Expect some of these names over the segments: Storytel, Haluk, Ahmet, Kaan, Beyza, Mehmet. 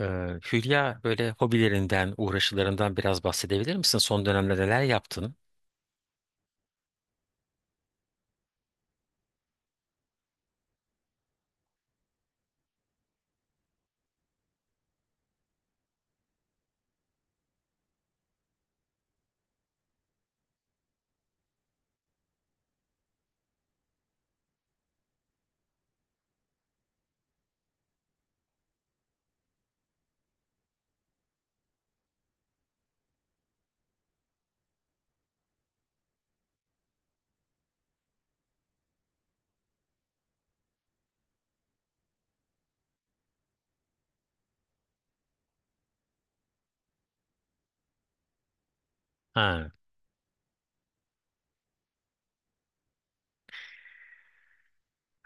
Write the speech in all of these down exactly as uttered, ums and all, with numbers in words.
Ee, Hülya böyle hobilerinden, uğraşılarından biraz bahsedebilir misin? Son dönemde neler yaptın? Ha.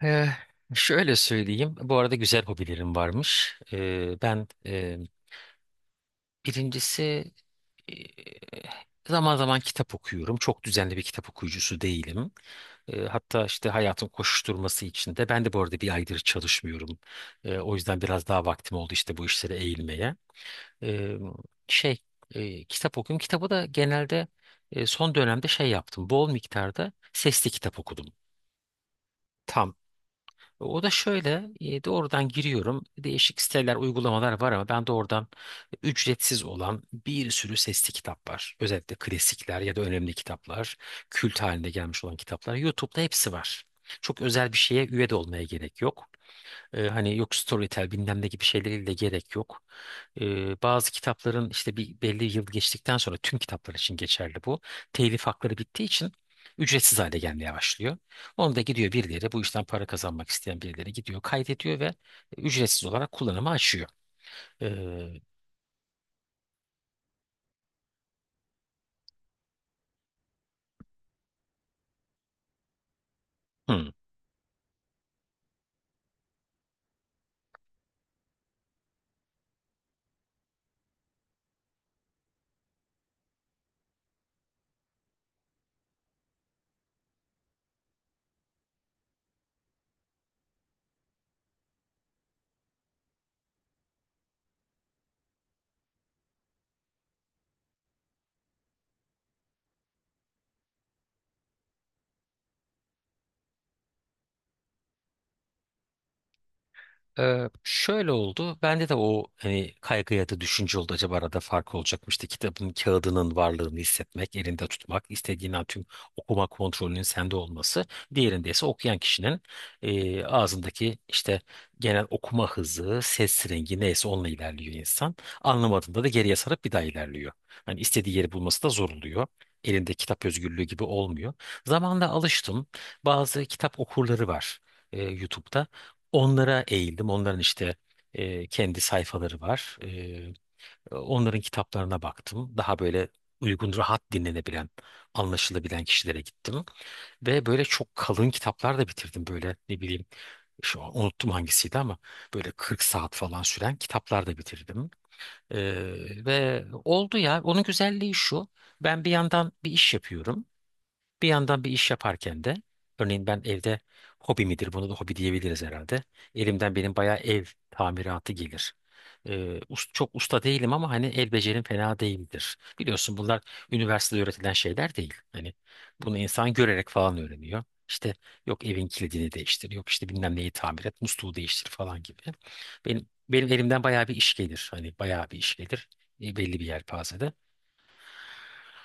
Ee, Şöyle söyleyeyim. Bu arada güzel hobilerim varmış. Ee, ben e, birincisi, e, zaman zaman kitap okuyorum. Çok düzenli bir kitap okuyucusu değilim. Ee, hatta işte hayatın koşuşturması içinde ben de bu arada bir aydır çalışmıyorum. Ee, o yüzden biraz daha vaktim oldu işte bu işlere eğilmeye. e, şey e, Kitap okuyorum. Kitabı da genelde e, son dönemde şey yaptım. Bol miktarda sesli kitap okudum. Tam. O da şöyle, e, doğrudan giriyorum. Değişik siteler, uygulamalar var ama ben doğrudan ücretsiz olan bir sürü sesli kitap var. Özellikle klasikler ya da önemli kitaplar, kült haline gelmiş olan kitaplar. YouTube'da hepsi var. Çok özel bir şeye üye de olmaya gerek yok. E, hani yok Storytel bilmem ne gibi şeyleriyle gerek yok. Ee, bazı kitapların işte bir belli yıl geçtikten sonra tüm kitaplar için geçerli bu. Telif hakları bittiği için ücretsiz hale gelmeye başlıyor. Onu da gidiyor birileri, bu işten para kazanmak isteyen birileri gidiyor kaydediyor ve ücretsiz olarak kullanıma açıyor. Ee, hmm. Ee, şöyle oldu. Bende de o hani kaygı ya da düşünce oldu. Acaba arada fark olacakmıştı. Kitabın kağıdının varlığını hissetmek, elinde tutmak, istediğin an tüm okuma kontrolünün sende olması. Diğerinde ise okuyan kişinin e, ağzındaki işte genel okuma hızı, ses rengi neyse onunla ilerliyor insan. Anlamadığında da geriye sarıp bir daha ilerliyor. Hani istediği yeri bulması da zor oluyor. Elinde kitap özgürlüğü gibi olmuyor. Zamanla alıştım. Bazı kitap okurları var e, YouTube'da. Onlara eğildim. Onların işte e, kendi sayfaları var. E, onların kitaplarına baktım. Daha böyle uygun, rahat dinlenebilen, anlaşılabilen kişilere gittim. Ve böyle çok kalın kitaplar da bitirdim. Böyle ne bileyim, şu an unuttum hangisiydi ama böyle kırk saat falan süren kitaplar da bitirdim. E, ve oldu ya. Onun güzelliği şu. Ben bir yandan bir iş yapıyorum. Bir yandan bir iş yaparken de örneğin ben evde, hobi midir? Bunu da hobi diyebiliriz herhalde. Elimden benim bayağı ev tamiratı gelir. Ee, us- Çok usta değilim ama hani el becerim fena değildir. Biliyorsun bunlar üniversitede öğretilen şeyler değil. Hani bunu insan görerek falan öğreniyor. İşte yok evin kilidini değiştir, yok işte bilmem neyi tamir et, musluğu değiştir falan gibi. Benim benim elimden bayağı bir iş gelir. Hani bayağı bir iş gelir. E, belli bir yelpazede.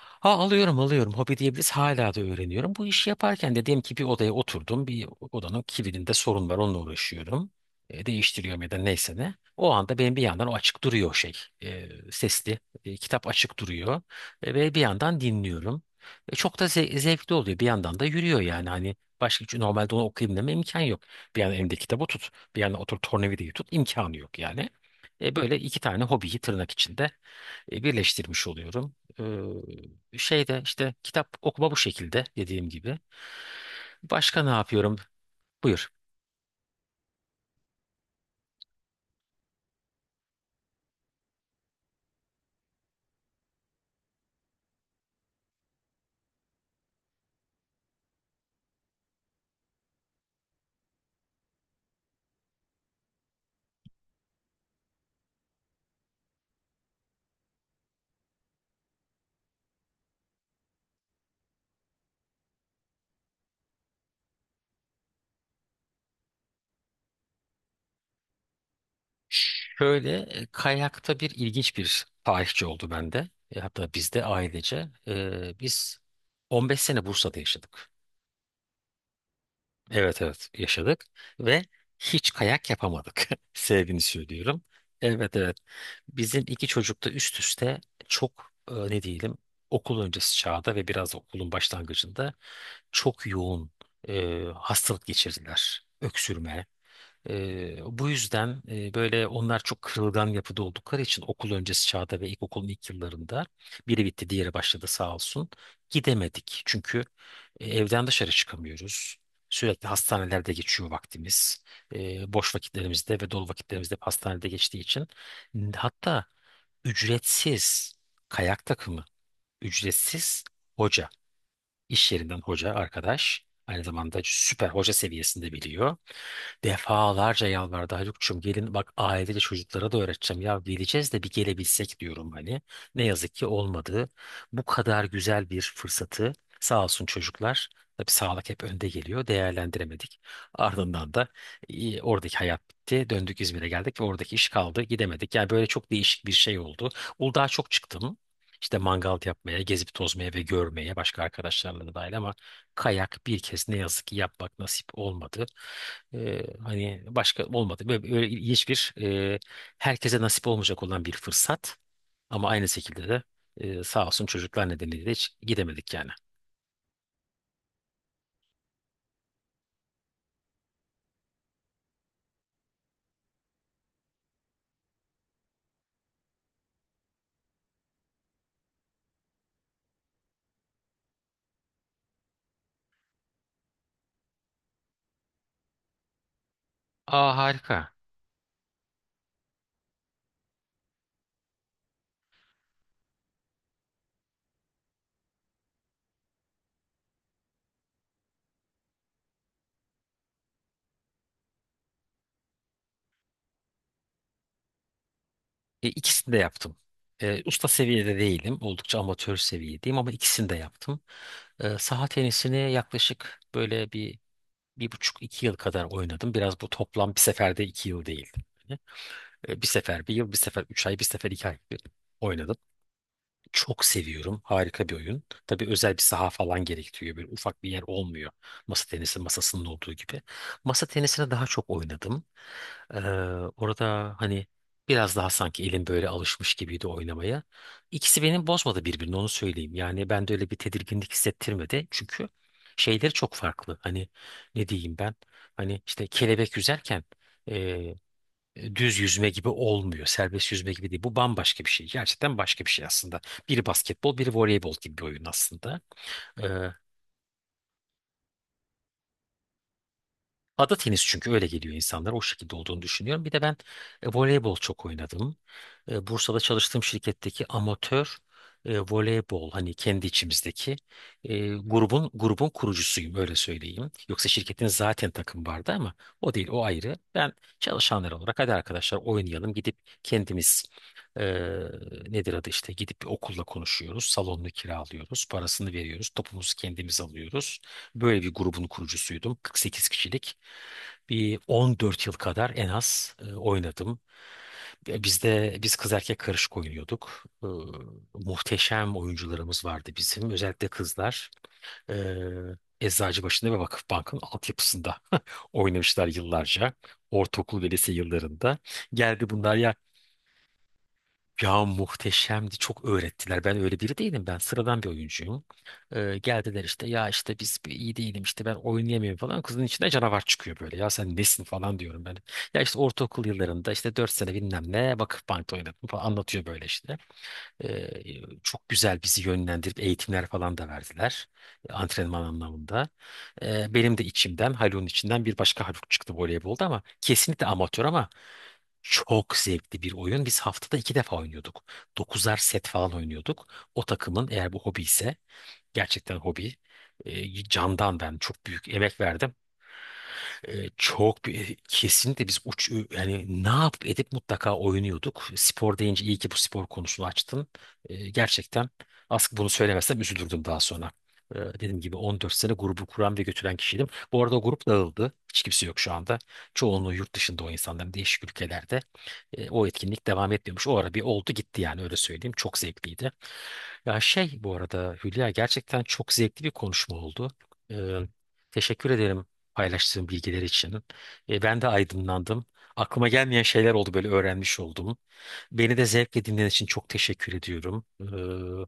Ha alıyorum alıyorum. Hobi diyebiliriz. Hala da öğreniyorum. Bu işi yaparken de diyelim ki bir odaya oturdum. Bir odanın kilidinde sorun var. Onunla uğraşıyorum. E, değiştiriyorum ya da neyse ne. O anda benim bir yandan o açık duruyor o şey. E, sesli. E, kitap açık duruyor. E, ve bir yandan dinliyorum. E, çok da ze- zevkli oluyor. Bir yandan da yürüyor yani. Hani başka hiç normalde onu okuyayım deme imkan yok. Bir yandan elimde kitabı tut. Bir yandan otur tornavidayı tut. İmkanı yok yani. E, böyle iki tane hobiyi tırnak içinde e, birleştirmiş oluyorum. Ee, şeyde işte kitap okuma bu şekilde dediğim gibi. Başka ne yapıyorum? Buyur. Şöyle, e, kayakta bir ilginç bir tarihçi oldu bende. E, hatta bizde ailece. Ee, biz on beş sene Bursa'da yaşadık. Evet evet yaşadık ve hiç kayak yapamadık. Sevgini söylüyorum. Evet evet. Bizim iki çocuk da üst üste çok, e, ne diyelim, okul öncesi çağda ve biraz da okulun başlangıcında çok yoğun e, hastalık geçirdiler. Öksürme, ee, bu yüzden e, böyle onlar çok kırılgan yapıda oldukları için okul öncesi çağda ve ilkokulun ilk yıllarında biri bitti diğeri başladı sağ olsun gidemedik. Çünkü e, evden dışarı çıkamıyoruz. Sürekli hastanelerde geçiyor vaktimiz. Ee, boş vakitlerimizde ve dolu vakitlerimizde hep hastanede geçtiği için, hatta ücretsiz kayak takımı, ücretsiz hoca, iş yerinden hoca arkadaş, aynı zamanda süper hoca seviyesinde biliyor. Defalarca yalvardı, Haluk'cum gelin bak ailece çocuklara da öğreteceğim, ya geleceğiz de bir gelebilsek diyorum hani. Ne yazık ki olmadı. Bu kadar güzel bir fırsatı, sağ olsun çocuklar, tabii sağlık hep önde geliyor, değerlendiremedik. Ardından da e, oradaki hayat bitti. Döndük İzmir'e geldik ve oradaki iş kaldı gidemedik. Yani böyle çok değişik bir şey oldu. Uludağ'a çok çıktım. İşte mangal yapmaya, gezip tozmaya ve görmeye başka arkadaşlarla da dahil ama kayak bir kez ne yazık ki yapmak nasip olmadı. Ee, hani başka olmadı. Böyle, böyle ilginç bir e, herkese nasip olmayacak olan bir fırsat. Ama aynı şekilde de e, sağ olsun çocuklar nedeniyle de hiç gidemedik yani. Aa harika. E, ikisini de yaptım. E, usta seviyede değilim. Oldukça amatör seviyedeyim ama ikisini de yaptım. E, saha tenisini yaklaşık böyle bir bir buçuk iki yıl kadar oynadım. Biraz bu toplam, bir seferde iki yıl değil. Hani, E, bir sefer bir yıl, bir sefer üç ay, bir sefer iki ay oynadım. Çok seviyorum. Harika bir oyun. Tabii özel bir saha falan gerektiriyor. Böyle ufak bir yer olmuyor. Masa tenisi masasının olduğu gibi. Masa tenisine daha çok oynadım. Ee, Orada hani biraz daha sanki elim böyle alışmış gibiydi oynamaya. İkisi benim bozmadı birbirini, onu söyleyeyim. Yani ben de öyle bir tedirginlik hissettirmedi. Çünkü şeyleri çok farklı. Hani ne diyeyim ben? Hani işte kelebek yüzerken e, düz yüzme gibi olmuyor. Serbest yüzme gibi değil. Bu bambaşka bir şey. Gerçekten başka bir şey aslında. Biri basketbol, biri voleybol gibi bir oyun aslında. Ada tenisi çünkü öyle geliyor insanlar. O şekilde olduğunu düşünüyorum. Bir de ben e, voleybol çok oynadım. E, Bursa'da çalıştığım şirketteki amatör e, voleybol, hani kendi içimizdeki e, grubun grubun kurucusuyum öyle söyleyeyim. Yoksa şirketin zaten takım vardı ama o değil, o ayrı. Ben çalışanlar olarak hadi arkadaşlar oynayalım gidip kendimiz, e, nedir adı, işte gidip bir okulla konuşuyoruz. Salonunu kiralıyoruz. Parasını veriyoruz. Topumuzu kendimiz alıyoruz. Böyle bir grubun kurucusuydum. kırk sekiz kişilik. Bir on dört yıl kadar en az e, oynadım. E, bizde biz kız erkek karışık oynuyorduk. E, muhteşem oyuncularımız vardı bizim. Özellikle kızlar. E, Eczacıbaşı'nda ve Vakıfbank'ın altyapısında oynamışlar yıllarca. Ortaokul ve lise yıllarında. Geldi bunlar ya, ya muhteşemdi. Çok öğrettiler. Ben öyle biri değilim. Ben sıradan bir oyuncuyum. Ee, geldiler işte ya işte biz bir iyi değilim işte ben oynayamıyorum falan. Kızın içinde canavar çıkıyor böyle. Ya sen nesin falan diyorum ben. Ya işte ortaokul yıllarında işte dört sene bilmem ne Vakıfbank'ta oynadım falan anlatıyor böyle işte. Ee, Çok güzel bizi yönlendirip eğitimler falan da verdiler. e, Antrenman anlamında. Ee, benim de içimden, Haluk'un içinden bir başka Haluk çıktı voleybolda, ama kesinlikle amatör, ama çok zevkli bir oyun. Biz haftada iki defa oynuyorduk. Dokuzar set falan oynuyorduk. O takımın, eğer bu hobi ise, gerçekten hobi. E, candan ben çok büyük emek verdim. Ee, çok bir- kesinlikle biz uç, yani ne yap edip mutlaka oynuyorduk. Spor deyince, iyi ki bu spor konusunu açtın. Ee, gerçekten aslında bunu söylemezsem üzülürdüm daha sonra. Ee, dediğim gibi on dört sene grubu kuran ve götüren kişiydim. Bu arada o grup dağıldı. Hiç kimse yok şu anda. Çoğunluğu yurt dışında o insanların, değişik ülkelerde. Ee, o etkinlik devam etmiyormuş. O ara bir oldu gitti yani, öyle söyleyeyim. Çok zevkliydi. Ya şey, bu arada Hülya, gerçekten çok zevkli bir konuşma oldu. Ee, Teşekkür ederim paylaştığım bilgiler için. E, ben de aydınlandım. Aklıma gelmeyen şeyler oldu, böyle öğrenmiş oldum. Beni de zevkle dinlediğin için çok teşekkür ediyorum. Ee,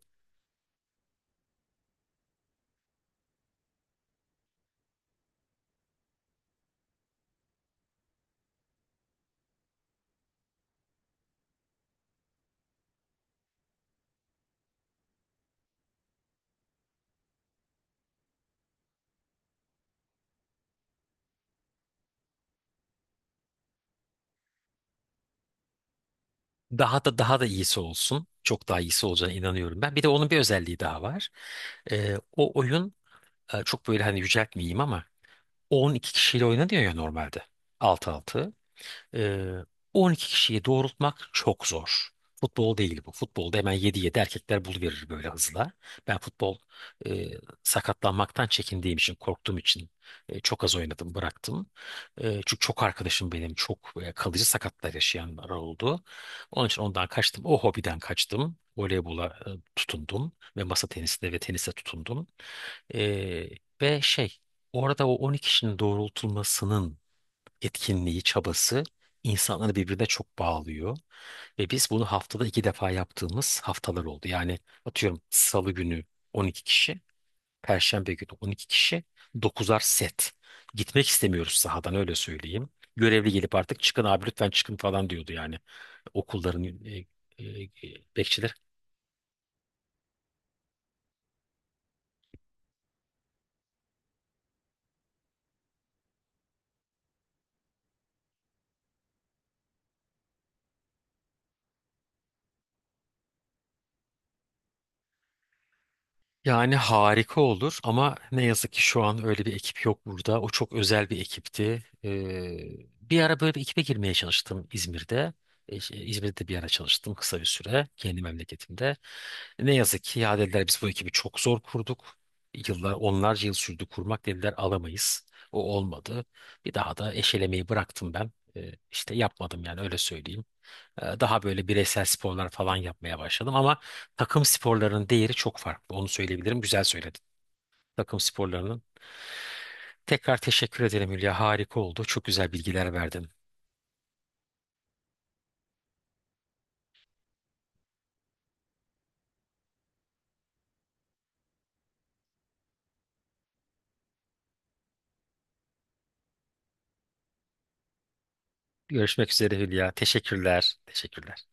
Daha da daha da iyisi olsun. Çok daha iyisi olacağına inanıyorum ben. Bir de onun bir özelliği daha var. Ee, o oyun e, çok böyle, hani yüceltmeyeyim ama on iki kişiyle oynanıyor ya normalde. Altı altı. Ee, on iki kişiyi doğrultmak çok zor. Futbol değil bu. Futbolda hemen yedi yedi erkekler buluverir böyle hızla. Ben futbol, e, sakatlanmaktan çekindiğim için, korktuğum için e, çok az oynadım, bıraktım. E, çünkü çok arkadaşım benim, çok e, kalıcı sakatlar yaşayanlar oldu. Onun için ondan kaçtım. O hobiden kaçtım. Voleybola e, tutundum ve masa tenisine ve tenise tutundum. E, ve şey, orada o on iki kişinin doğrultulmasının etkinliği, çabası insanları birbirine çok bağlıyor. Ve biz bunu haftada iki defa yaptığımız haftalar oldu. Yani atıyorum Salı günü on iki kişi, Perşembe günü on iki kişi, dokuzar set. Gitmek istemiyoruz sahadan, öyle söyleyeyim. Görevli gelip artık çıkın abi lütfen çıkın falan diyordu yani. Okulların e, e, e, bekçileri. Yani harika olur ama ne yazık ki şu an öyle bir ekip yok burada. O çok özel bir ekipti. Ee, bir ara böyle bir ekibe girmeye çalıştım İzmir'de. E, şey, İzmir'de bir ara çalıştım kısa bir süre kendi memleketimde. Ne yazık ki ya dediler, biz bu ekibi çok zor kurduk. Yıllar, onlarca yıl sürdü kurmak, dediler alamayız. O olmadı. Bir daha da eşelemeyi bıraktım ben. Ee, işte yapmadım yani, öyle söyleyeyim. Ee, Daha böyle bireysel sporlar falan yapmaya başladım ama takım sporlarının değeri çok farklı. Onu söyleyebilirim. Güzel söyledin. Takım sporlarının. Tekrar teşekkür ederim Hülya. Harika oldu. Çok güzel bilgiler verdin. Görüşmek üzere Hülya. Teşekkürler. Teşekkürler.